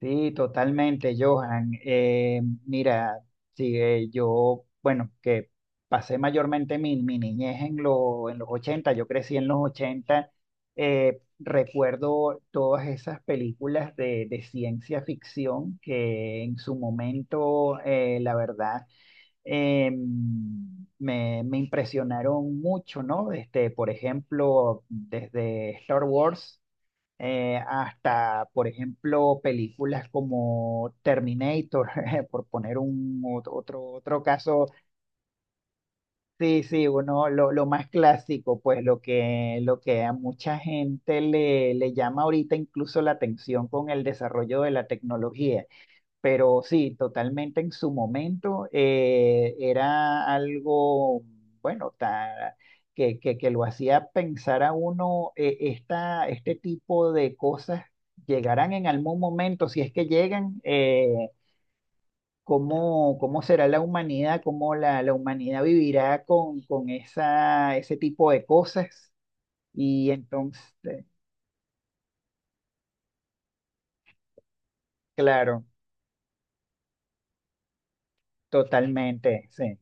Sí, totalmente, Johan. Mira, sí, yo, bueno, que pasé mayormente mi niñez en los 80. Yo crecí en los 80. Recuerdo todas esas películas de ciencia ficción que en su momento, la verdad, eh, me impresionaron mucho, ¿no? Este, por ejemplo, desde Star Wars hasta, por ejemplo, películas como Terminator, por poner otro, otro caso, sí, sí, uno, lo más clásico, pues lo que a mucha gente le llama ahorita incluso la atención con el desarrollo de la tecnología. Pero sí, totalmente en su momento era algo, bueno, ta- que lo hacía pensar a uno, este tipo de cosas llegarán en algún momento, si es que llegan, ¿cómo, cómo será la humanidad? ¿Cómo la humanidad vivirá con ese tipo de cosas? Y entonces, claro, totalmente, sí.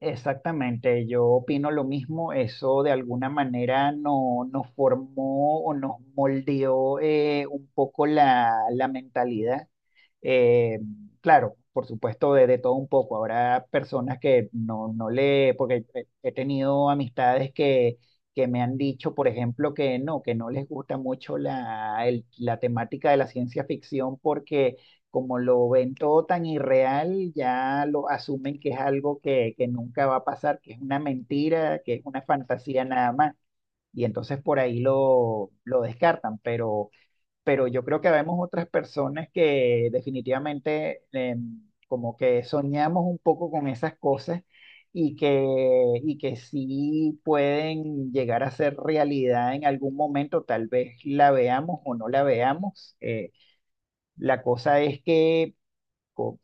Exactamente, yo opino lo mismo, eso de alguna manera no, nos formó o nos moldeó un poco la mentalidad. Eh, claro, por supuesto, de todo un poco. Habrá personas que no, no le, porque he tenido amistades que me han dicho, por ejemplo, que no les gusta mucho la temática de la ciencia ficción porque como lo ven todo tan irreal, ya lo asumen que es algo que nunca va a pasar, que es una mentira, que es una fantasía nada más. Y entonces por ahí lo descartan, pero yo creo que vemos otras personas que definitivamente como que soñamos un poco con esas cosas y que, y que sí pueden llegar a ser realidad en algún momento, tal vez la veamos o no la veamos. La cosa es que co-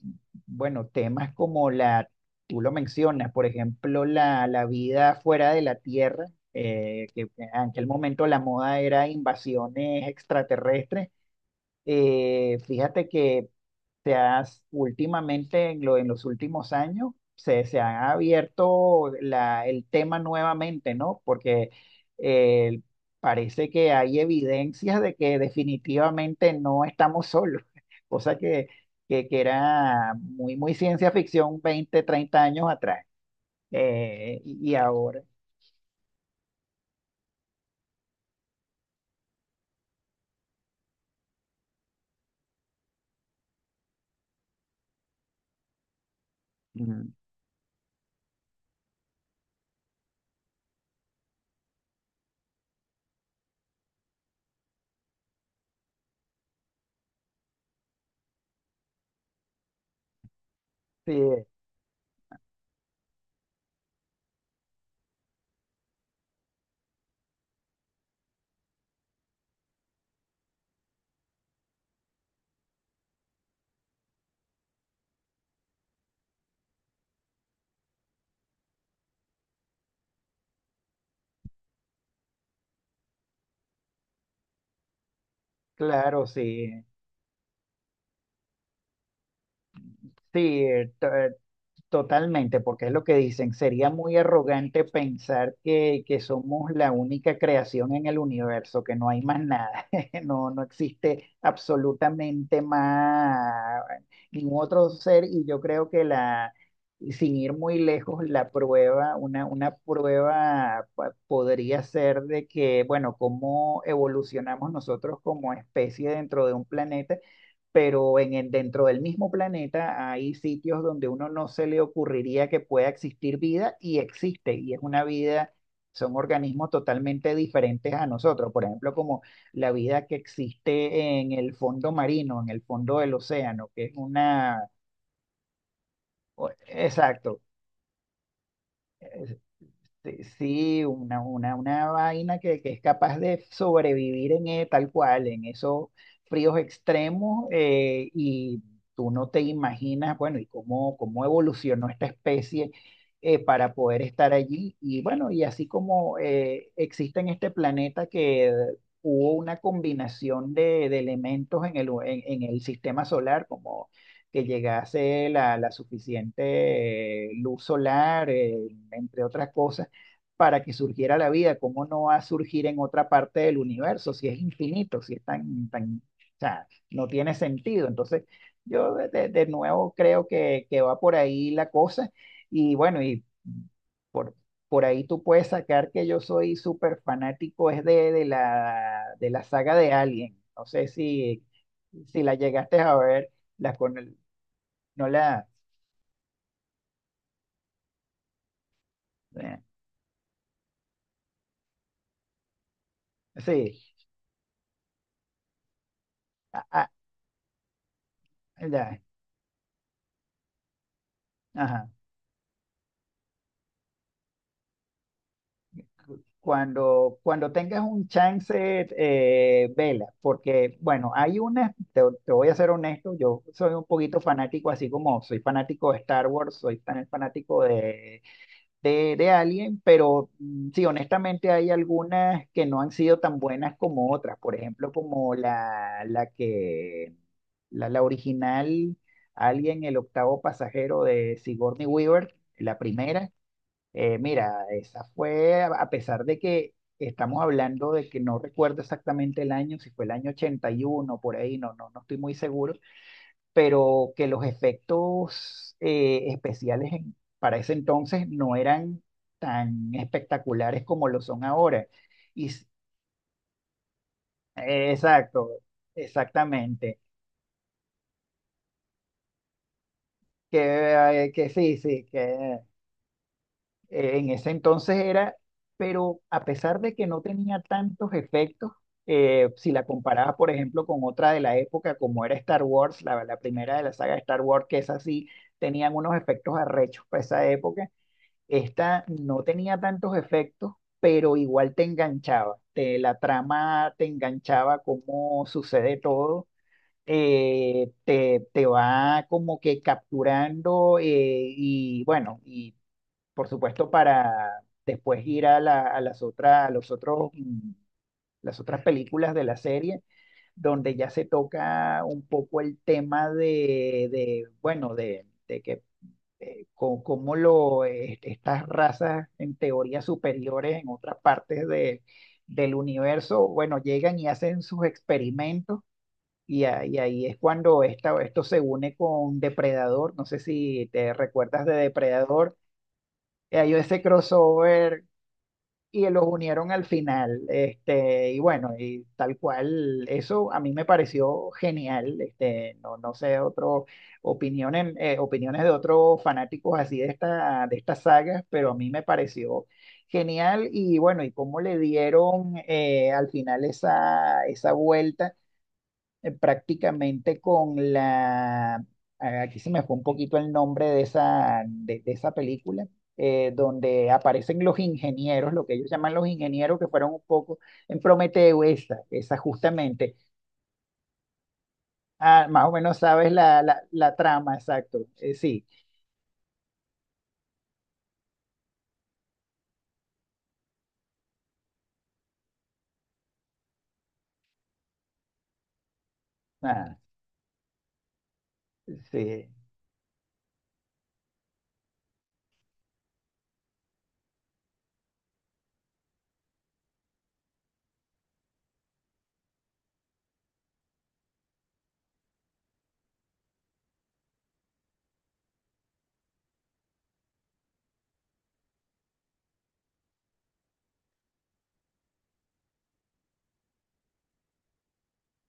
bueno, temas como tú lo mencionas, por ejemplo, la vida fuera de la Tierra, que en aquel momento la moda era invasiones extraterrestres. Fíjate que últimamente, en los últimos años, se ha abierto el tema nuevamente, ¿no? Porque eh, parece que hay evidencias de que definitivamente no estamos solos, cosa que, que era muy, muy ciencia ficción 20 o 30 años atrás. Y ahora. Mm. Sí, claro, sí. Sí, totalmente, porque es lo que dicen, sería muy arrogante pensar que somos la única creación en el universo, que no hay más nada, no, no existe absolutamente más ningún otro ser y yo creo que y sin ir muy lejos, la prueba, una, podría ser de que, bueno, cómo evolucionamos nosotros como especie dentro de un planeta pero dentro del mismo planeta hay sitios donde uno no se le ocurriría que pueda existir vida y existe, y es una vida, son organismos totalmente diferentes a nosotros, por ejemplo, como la vida que existe en el fondo marino, en el fondo del océano, que es una, exacto, sí, sí, una vaina que es capaz de sobrevivir en tal cual, en esos fríos extremos, tú no te imaginas, bueno, y cómo, cómo evolucionó esta especie para poder estar allí. Y bueno, y así como existe en este planeta que hubo una combinación de elementos en el sistema solar, como que llegase la suficiente luz solar, entre otras cosas para que surgiera la vida, ¿cómo no va a surgir en otra parte del universo si es infinito, si es tan, tan, o sea, no tiene sentido? Entonces, yo de nuevo creo que va por ahí la cosa y bueno, y por ahí tú puedes sacar que yo soy súper fanático, es de la saga de Alien. No sé si, si la llegaste a ver, la con el- no la, eh, sí, a- a- ya, ajá. Cuando, cuando tengas un chance, vela, porque bueno, hay una, te voy a ser honesto, yo soy un poquito fanático, así como soy fanático de Star Wars, soy tan fanático de Alien, pero sí, honestamente hay algunas que no han sido tan buenas como otras, por ejemplo, como la original Alien, el octavo pasajero de Sigourney Weaver, la primera mira, esa fue, a pesar de que estamos hablando de que no recuerdo exactamente el año, si fue el año 81 por ahí, no, no, no estoy muy seguro, pero que los efectos especiales para ese entonces no eran tan espectaculares como lo son ahora. Y, s- exacto, exactamente. Que sí, sí, que en ese entonces era, pero a pesar de que no tenía tantos efectos, si la comparabas, por ejemplo, con otra de la época, como era Star Wars, la primera de la saga de Star Wars, que es así, tenían unos efectos arrechos para esa época, esta no tenía tantos efectos, pero igual te enganchaba, te, la trama te enganchaba, cómo sucede todo. Te va como que capturando y bueno, y por supuesto, para después ir a las otras, a los otros, mm, las otras películas de la serie, donde ya se toca un poco el tema bueno, de que cómo estas razas en teoría superiores en otras partes de, del universo, bueno, llegan y hacen sus experimentos. Y ahí es cuando esto se une con Depredador. No sé si te recuerdas de Depredador. Hay ese crossover y los unieron al final. Este, y bueno, y tal cual, eso a mí me pareció genial. Este, no, no sé, otro, opiniones, opiniones de otros fanáticos así de esta, de estas sagas, pero a mí me pareció genial. Y bueno, y cómo le dieron al final esa, esa vuelta prácticamente con aquí se me fue un poquito el nombre de esa, de esa película, donde aparecen los ingenieros, lo que ellos llaman los ingenieros, que fueron un poco en Prometeo, esa justamente. Ah, más o menos sabes la trama, exacto. Sí, ah, sí,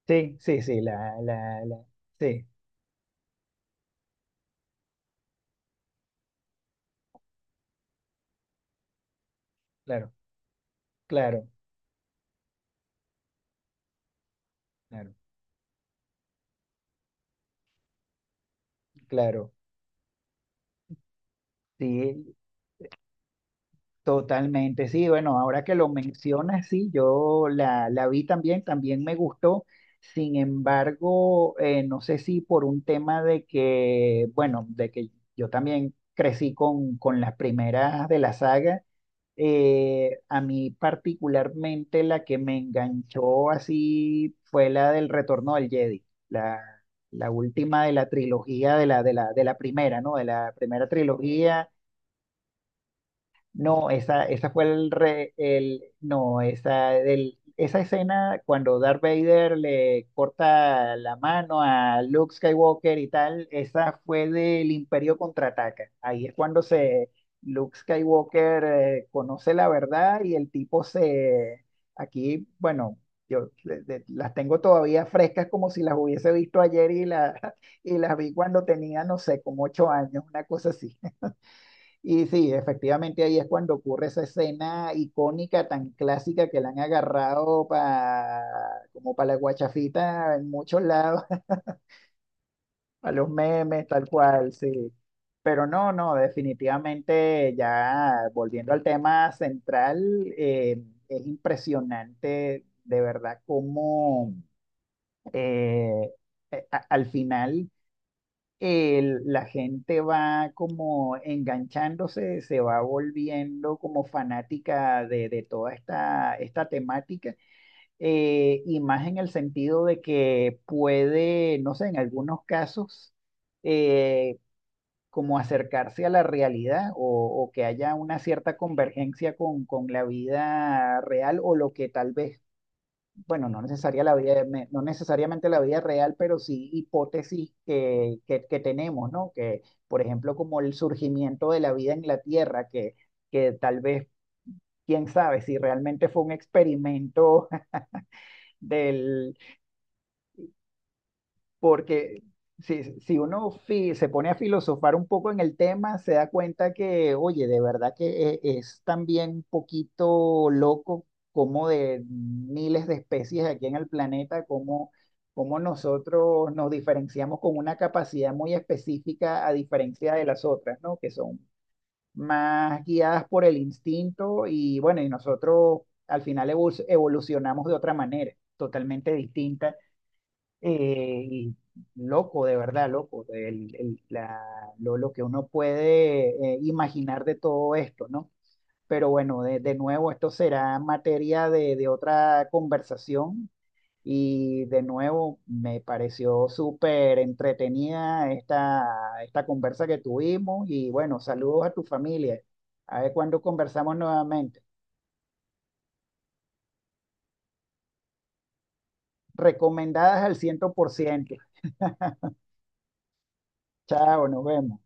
sí, sí, sí, la, sí, claro, claro, claro, claro. Sí, totalmente, sí, bueno, ahora que lo mencionas, sí, yo la vi también, también me gustó, sin embargo, no sé si por un tema de que, bueno, de que yo también crecí con las primeras de la saga, a mí particularmente la que me enganchó así fue la del Retorno del Jedi, la, la última de la trilogía, de la primera, ¿no? De la primera trilogía no, esa fue el, re- el no, esa, esa escena cuando Darth Vader le corta la mano a Luke Skywalker y tal, esa fue del Imperio Contraataca. Ahí es cuando se Luke Skywalker conoce la verdad y el tipo se, aquí, bueno, yo las tengo todavía frescas como si las hubiese visto ayer y, la, y las vi cuando tenía, no sé, como 8 años, una cosa así. Y sí, efectivamente ahí es cuando ocurre esa escena icónica tan clásica que la han agarrado pa, como para la guachafita en muchos lados, a los memes, tal cual, sí. Pero no, no, definitivamente ya volviendo al tema central, es impresionante de verdad cómo eh, al final la gente va como enganchándose, se va volviendo como fanática de toda esta, esta temática, y más en el sentido de que puede, no sé, en algunos casos, eh, como acercarse a la realidad o que haya una cierta convergencia con la vida real o lo que tal vez bueno, no necesaria la vida, no necesariamente la vida real, pero sí hipótesis que tenemos, ¿no? Que, por ejemplo, como el surgimiento de la vida en la Tierra, que tal vez, quién sabe, si realmente fue un experimento del, porque si uno se pone a filosofar un poco en el tema, se da cuenta que, oye, de verdad que es también un poquito loco como de miles de especies aquí en el planeta, como, como nosotros nos diferenciamos con una capacidad muy específica a diferencia de las otras, ¿no? Que son más guiadas por el instinto y bueno, y nosotros al final evolucionamos de otra manera, totalmente distinta eh, y loco, de verdad, loco, lo que uno puede imaginar de todo esto, ¿no? Pero bueno, de nuevo, esto será materia de otra conversación y de nuevo me pareció súper entretenida esta, esta conversa que tuvimos y bueno, saludos a tu familia. A ver cuándo conversamos nuevamente. Recomendadas al 100%. Chao, nos vemos.